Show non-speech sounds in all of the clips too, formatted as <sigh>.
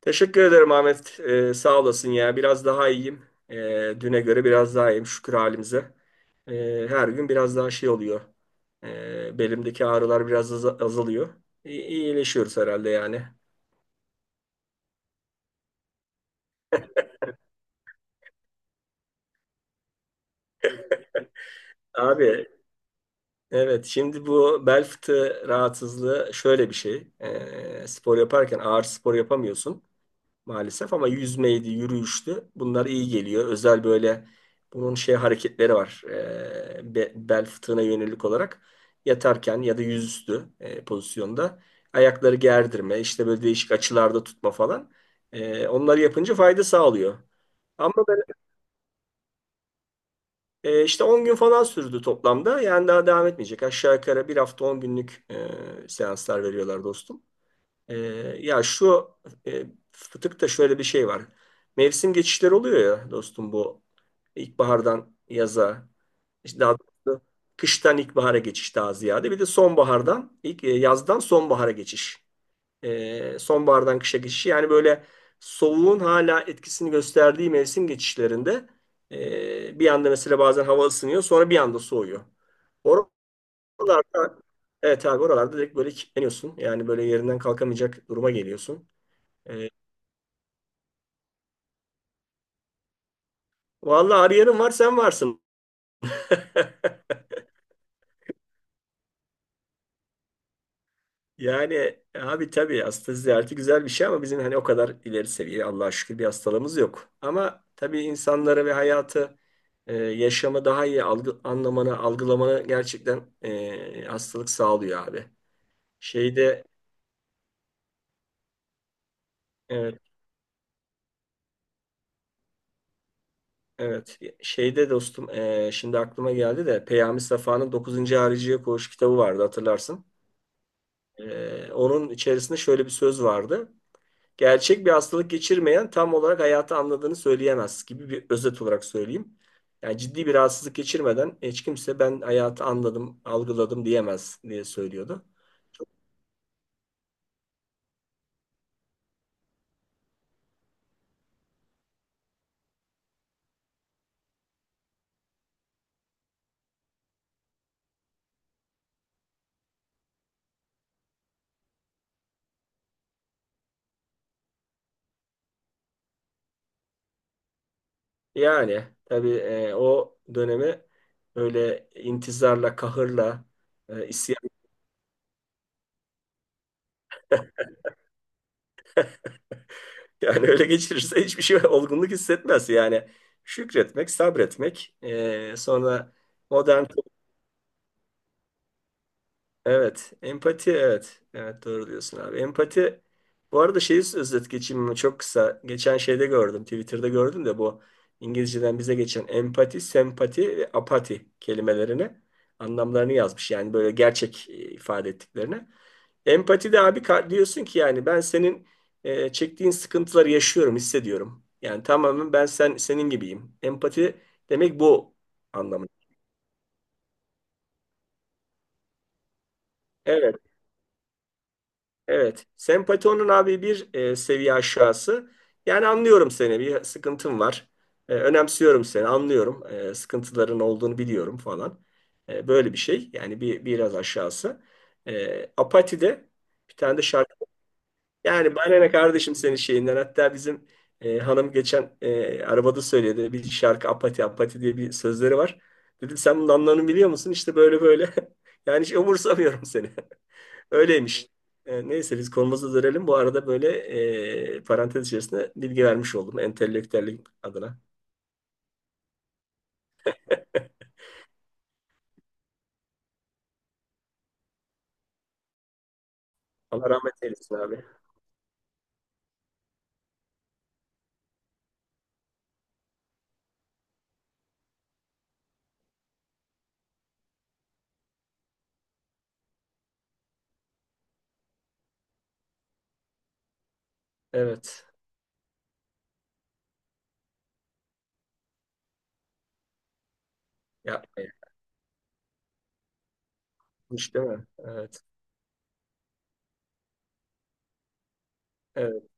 Teşekkür ederim Ahmet. Sağ olasın ya. Biraz daha iyiyim. Düne göre biraz daha iyiyim, şükür halimize. Her gün biraz daha şey oluyor. Belimdeki ağrılar biraz azalıyor. İyileşiyoruz herhalde yani. Abi, evet, şimdi bu bel fıtığı rahatsızlığı şöyle bir şey. Spor yaparken ağır spor yapamıyorsun maalesef, ama yüzmeydi, yürüyüştü. Bunlar iyi geliyor. Özel böyle bunun şey hareketleri var. Bel fıtığına yönelik olarak yatarken ya da yüzüstü pozisyonda ayakları gerdirme, işte böyle değişik açılarda tutma falan. Onları yapınca fayda sağlıyor. Ama ben işte 10 gün falan sürdü toplamda. Yani daha devam etmeyecek. Aşağı yukarı bir hafta 10 günlük seanslar veriyorlar dostum. Ee, ya şu e, fıtıkta şöyle bir şey var. Mevsim geçişleri oluyor ya dostum, bu ilkbahardan yaza, işte daha doğrusu kıştan ilkbahara geçiş daha ziyade, bir de sonbahardan yazdan sonbahara geçiş. Sonbahardan kışa geçiş, yani böyle soğuğun hala etkisini gösterdiği mevsim geçişlerinde, bir anda mesela bazen hava ısınıyor, sonra bir anda soğuyor. Oralarda, evet abi, oralarda direkt böyle kilitleniyorsun. Yani böyle yerinden kalkamayacak duruma geliyorsun. Ee, vallahi arayanın var, sen varsın. <laughs> Yani abi, tabii hasta ziyareti güzel bir şey ama bizim hani o kadar ileri seviye, Allah'a şükür, bir hastalığımız yok. Ama tabii insanları ve hayatı, yaşamı daha iyi anlamanı, algılamanı gerçekten hastalık sağlıyor abi. Şeyde, evet. Evet. Şeyde dostum, şimdi aklıma geldi de, Peyami Safa'nın Dokuzuncu Hariciye Koğuş kitabı vardı, hatırlarsın. Onun içerisinde şöyle bir söz vardı. Gerçek bir hastalık geçirmeyen tam olarak hayatı anladığını söyleyemez, gibi bir özet olarak söyleyeyim. Yani ciddi bir rahatsızlık geçirmeden hiç kimse ben hayatı anladım, algıladım diyemez diye söylüyordu. Yani tabii o dönemi böyle intizarla, kahırla, isyan <laughs> yani öyle geçirirse hiçbir şey <laughs> olgunluk hissetmez. Yani şükretmek, sabretmek. Sonra modern, evet, empati, evet. Evet, doğru diyorsun abi. Empati, bu arada şeyi özet geçeyim mi? Çok kısa. Geçen şeyde gördüm. Twitter'da gördüm de bu İngilizceden bize geçen empati, sempati ve apati kelimelerini anlamlarını yazmış. Yani böyle gerçek ifade ettiklerini. Empati de abi, diyorsun ki yani ben senin çektiğin sıkıntıları yaşıyorum, hissediyorum. Yani tamamen ben senin gibiyim. Empati demek bu anlamı. Evet, evet. Sempati onun abi bir seviye aşağısı. Yani anlıyorum seni, bir sıkıntın var. Önemsiyorum seni, anlıyorum. Sıkıntıların olduğunu biliyorum falan. Böyle bir şey. Yani biraz aşağısı. Apati de bir tane de şarkı. Yani bana ne kardeşim senin şeyinden. Hatta bizim hanım geçen arabada söyledi. Bir şarkı, Apati Apati diye bir sözleri var. Dedim, sen bunun anlamını biliyor musun? İşte böyle böyle. <laughs> Yani hiç umursamıyorum seni. <laughs> Öyleymiş. Neyse biz konumuza dönelim. Bu arada böyle parantez içerisinde bilgi vermiş oldum. Entelektüellik adına. Allah rahmet eylesin abi. Evet. Yapma ya. Hiç değil mi? Evet. Evet.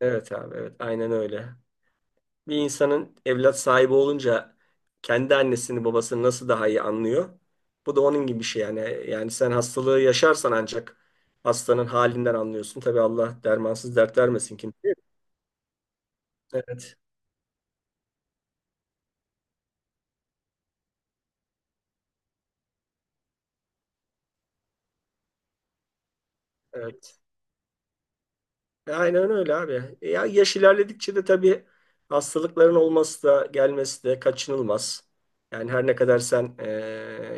Evet abi. Evet. Aynen öyle. Bir insanın evlat sahibi olunca, kendi annesini babasını nasıl daha iyi anlıyor? Bu da onun gibi bir şey yani. Yani sen hastalığı yaşarsan ancak hastanın halinden anlıyorsun. Tabii Allah dermansız dert vermesin kimseye. Evet, evet. Aynen öyle abi. Ya yaş ilerledikçe de tabii hastalıkların olması da gelmesi de kaçınılmaz. Yani her ne kadar sen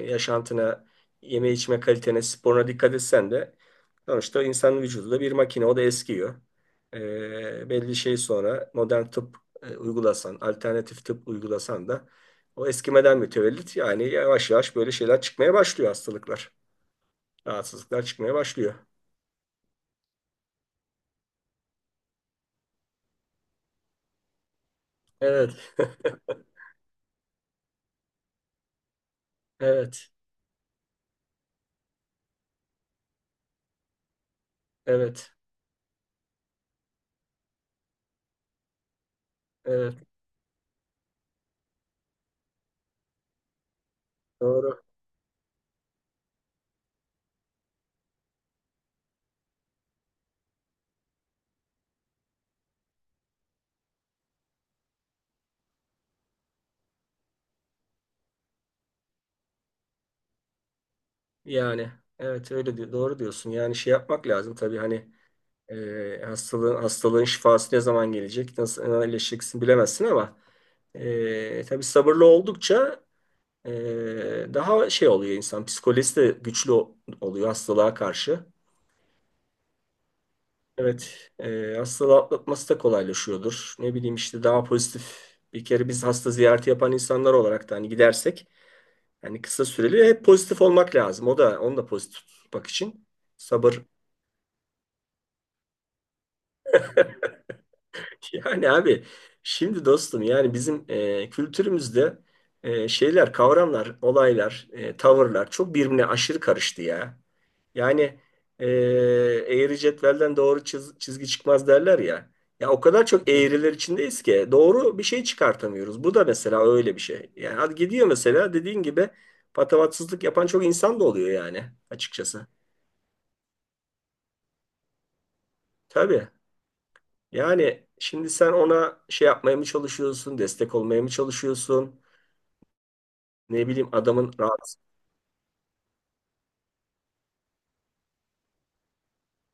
yaşantına, yeme içme kalitene, sporuna dikkat etsen de, sonuçta insanın vücudu da bir makine, o da eskiyor. Belli şey, sonra modern tıp uygulasan, alternatif tıp uygulasan da o eskimeden mütevellit yani yavaş yavaş böyle şeyler çıkmaya başlıyor, hastalıklar, rahatsızlıklar çıkmaya başlıyor. Evet, <laughs> evet, evet. Evet. Doğru. Yani evet, öyle diyor. Doğru diyorsun. Yani şey yapmak lazım tabii, hani hastalığın şifası ne zaman gelecek, nasıl iyileşeceksin bilemezsin ama tabii sabırlı oldukça e, daha şey oluyor insan. Psikolojisi de güçlü oluyor hastalığa karşı. Evet, hastalığı atlatması da kolaylaşıyordur. Ne bileyim işte, daha pozitif. Bir kere biz hasta ziyareti yapan insanlar olarak da, hani gidersek, hani kısa süreli, hep pozitif olmak lazım. O da onu da pozitif tutmak için sabır. Yani abi, şimdi dostum, yani bizim kültürümüzde şeyler, kavramlar, olaylar, tavırlar çok birbirine aşırı karıştı ya. Yani e, eğri cetvelden doğru çizgi çıkmaz derler ya. Ya o kadar çok eğriler içindeyiz ki doğru bir şey çıkartamıyoruz. Bu da mesela öyle bir şey. Yani hadi gidiyor mesela, dediğin gibi, patavatsızlık yapan çok insan da oluyor yani, açıkçası. Tabii. Yani şimdi sen ona şey yapmaya mı çalışıyorsun, destek olmaya mı çalışıyorsun? Ne bileyim, adamın rahat.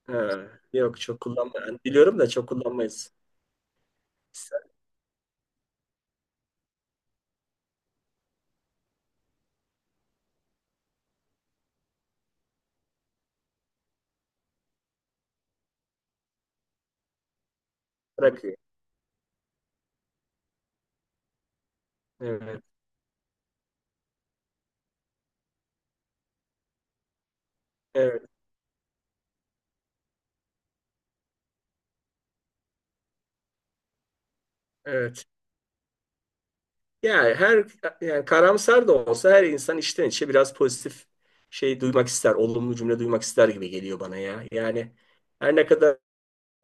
Ha, yok, çok kullanma. Yani biliyorum da çok kullanmayız. İster. Bırakıyor. Evet. Evet. Evet. Yani her yani karamsar da olsa her insan içten içe biraz pozitif şey duymak ister. Olumlu cümle duymak ister gibi geliyor bana ya. Yani her ne kadar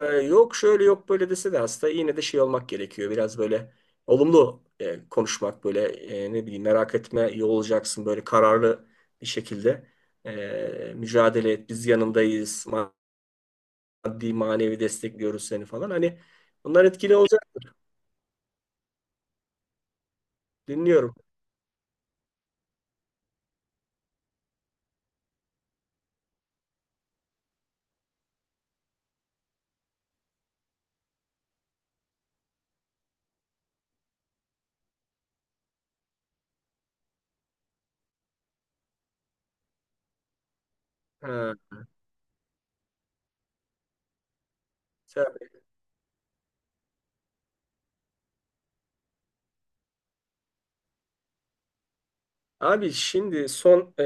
yok şöyle yok böyle dese de, hasta yine de şey olmak gerekiyor. Biraz böyle olumlu konuşmak, böyle ne bileyim, merak etme iyi olacaksın, böyle kararlı bir şekilde. Mücadele et, biz yanındayız, maddi manevi destekliyoruz seni falan. Hani bunlar etkili olacaktır. Dinliyorum. Ha, sen- Abi, şimdi son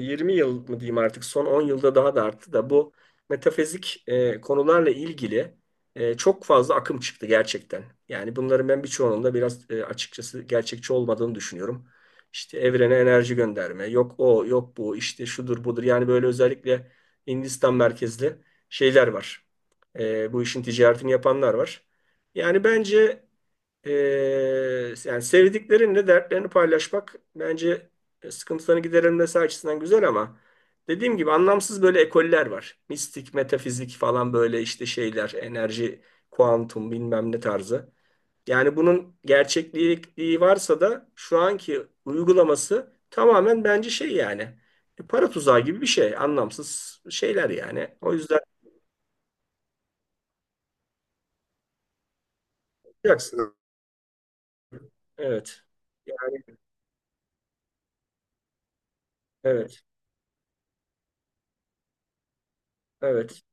20 yıl mı diyeyim, artık son 10 yılda daha da arttı da bu metafizik konularla ilgili çok fazla akım çıktı gerçekten. Yani bunların, ben birçoğunun da biraz açıkçası gerçekçi olmadığını düşünüyorum. İşte evrene enerji gönderme, yok o, yok bu, işte şudur budur. Yani böyle özellikle Hindistan merkezli şeyler var. Bu işin ticaretini yapanlar var. Yani bence, ee, yani sevdiklerinle dertlerini paylaşmak bence sıkıntılarını giderilmesi açısından güzel, ama dediğim gibi anlamsız böyle ekoller var. Mistik, metafizik falan, böyle işte şeyler, enerji, kuantum bilmem ne tarzı. Yani bunun gerçekliği varsa da, şu anki uygulaması tamamen bence şey yani para tuzağı gibi bir şey. Anlamsız şeyler yani. O yüzden yapacaksın. Evet. Yani evet. Evet.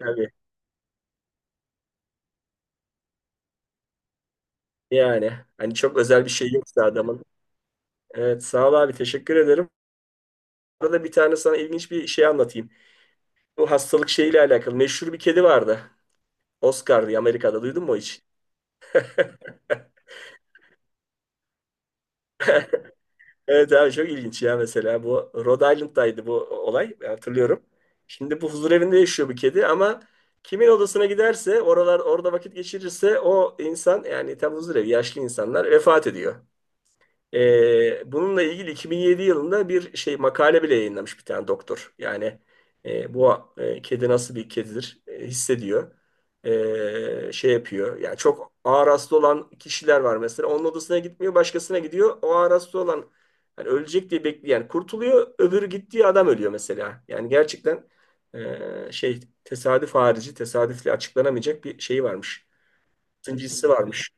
Tabii. Yani hani çok özel bir şey yoksa adamın. Evet, sağ ol abi, teşekkür ederim. Arada bir tane sana ilginç bir şey anlatayım. Bu hastalık şeyiyle alakalı meşhur bir kedi vardı. Oscar diye, Amerika'da duydun mu hiç? Evet abi, çok ilginç ya, mesela bu Rhode Island'daydı bu olay, ben hatırlıyorum. Şimdi bu huzur evinde yaşıyor bu kedi, ama kimin odasına giderse, orada vakit geçirirse, o insan, yani tam huzur evi, yaşlı insanlar vefat ediyor. Bununla ilgili 2007 yılında bir şey makale bile yayınlamış bir tane doktor. Yani bu kedi nasıl bir kedidir, hissediyor. Şey yapıyor. Yani çok ağır hasta olan kişiler var mesela. Onun odasına gitmiyor, başkasına gidiyor. O ağır hasta olan, hani ölecek diye bekleyen kurtuluyor. Öbürü, gittiği adam ölüyor mesela. Yani gerçekten şey, tesadüf harici, tesadüfle açıklanamayacak bir şeyi varmış. Sıncısı varmış.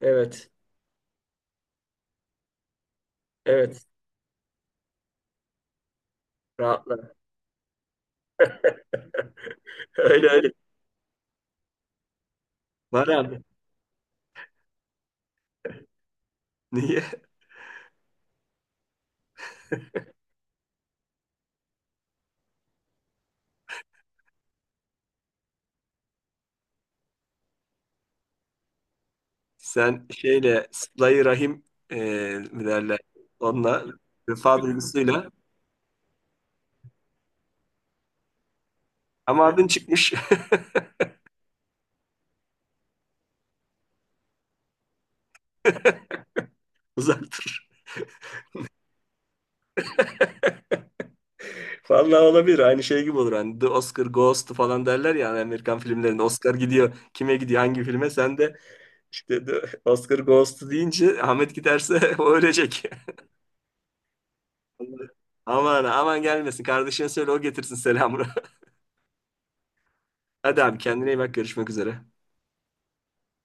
Evet. Evet. Rahatla. <laughs> Öyle öyle. Var abi. <laughs> Niye? Sen şeyle, Sıla-i Rahim e, mi derler? Onunla, vefa duygusuyla. Ama adın çıkmış. <laughs> Uzaktır. <laughs> Vallahi olabilir. Aynı şey gibi olur. Hani The Oscar Goes to falan derler ya, hani Amerikan filmlerinde. Oscar gidiyor. Kime gidiyor? Hangi filme? Sen de işte The Oscar Goes to deyince, Ahmet giderse <laughs> o ölecek. Aman aman gelmesin. Kardeşine söyle, o getirsin selamını. <laughs> Hadi abi, kendine iyi bak. Görüşmek üzere.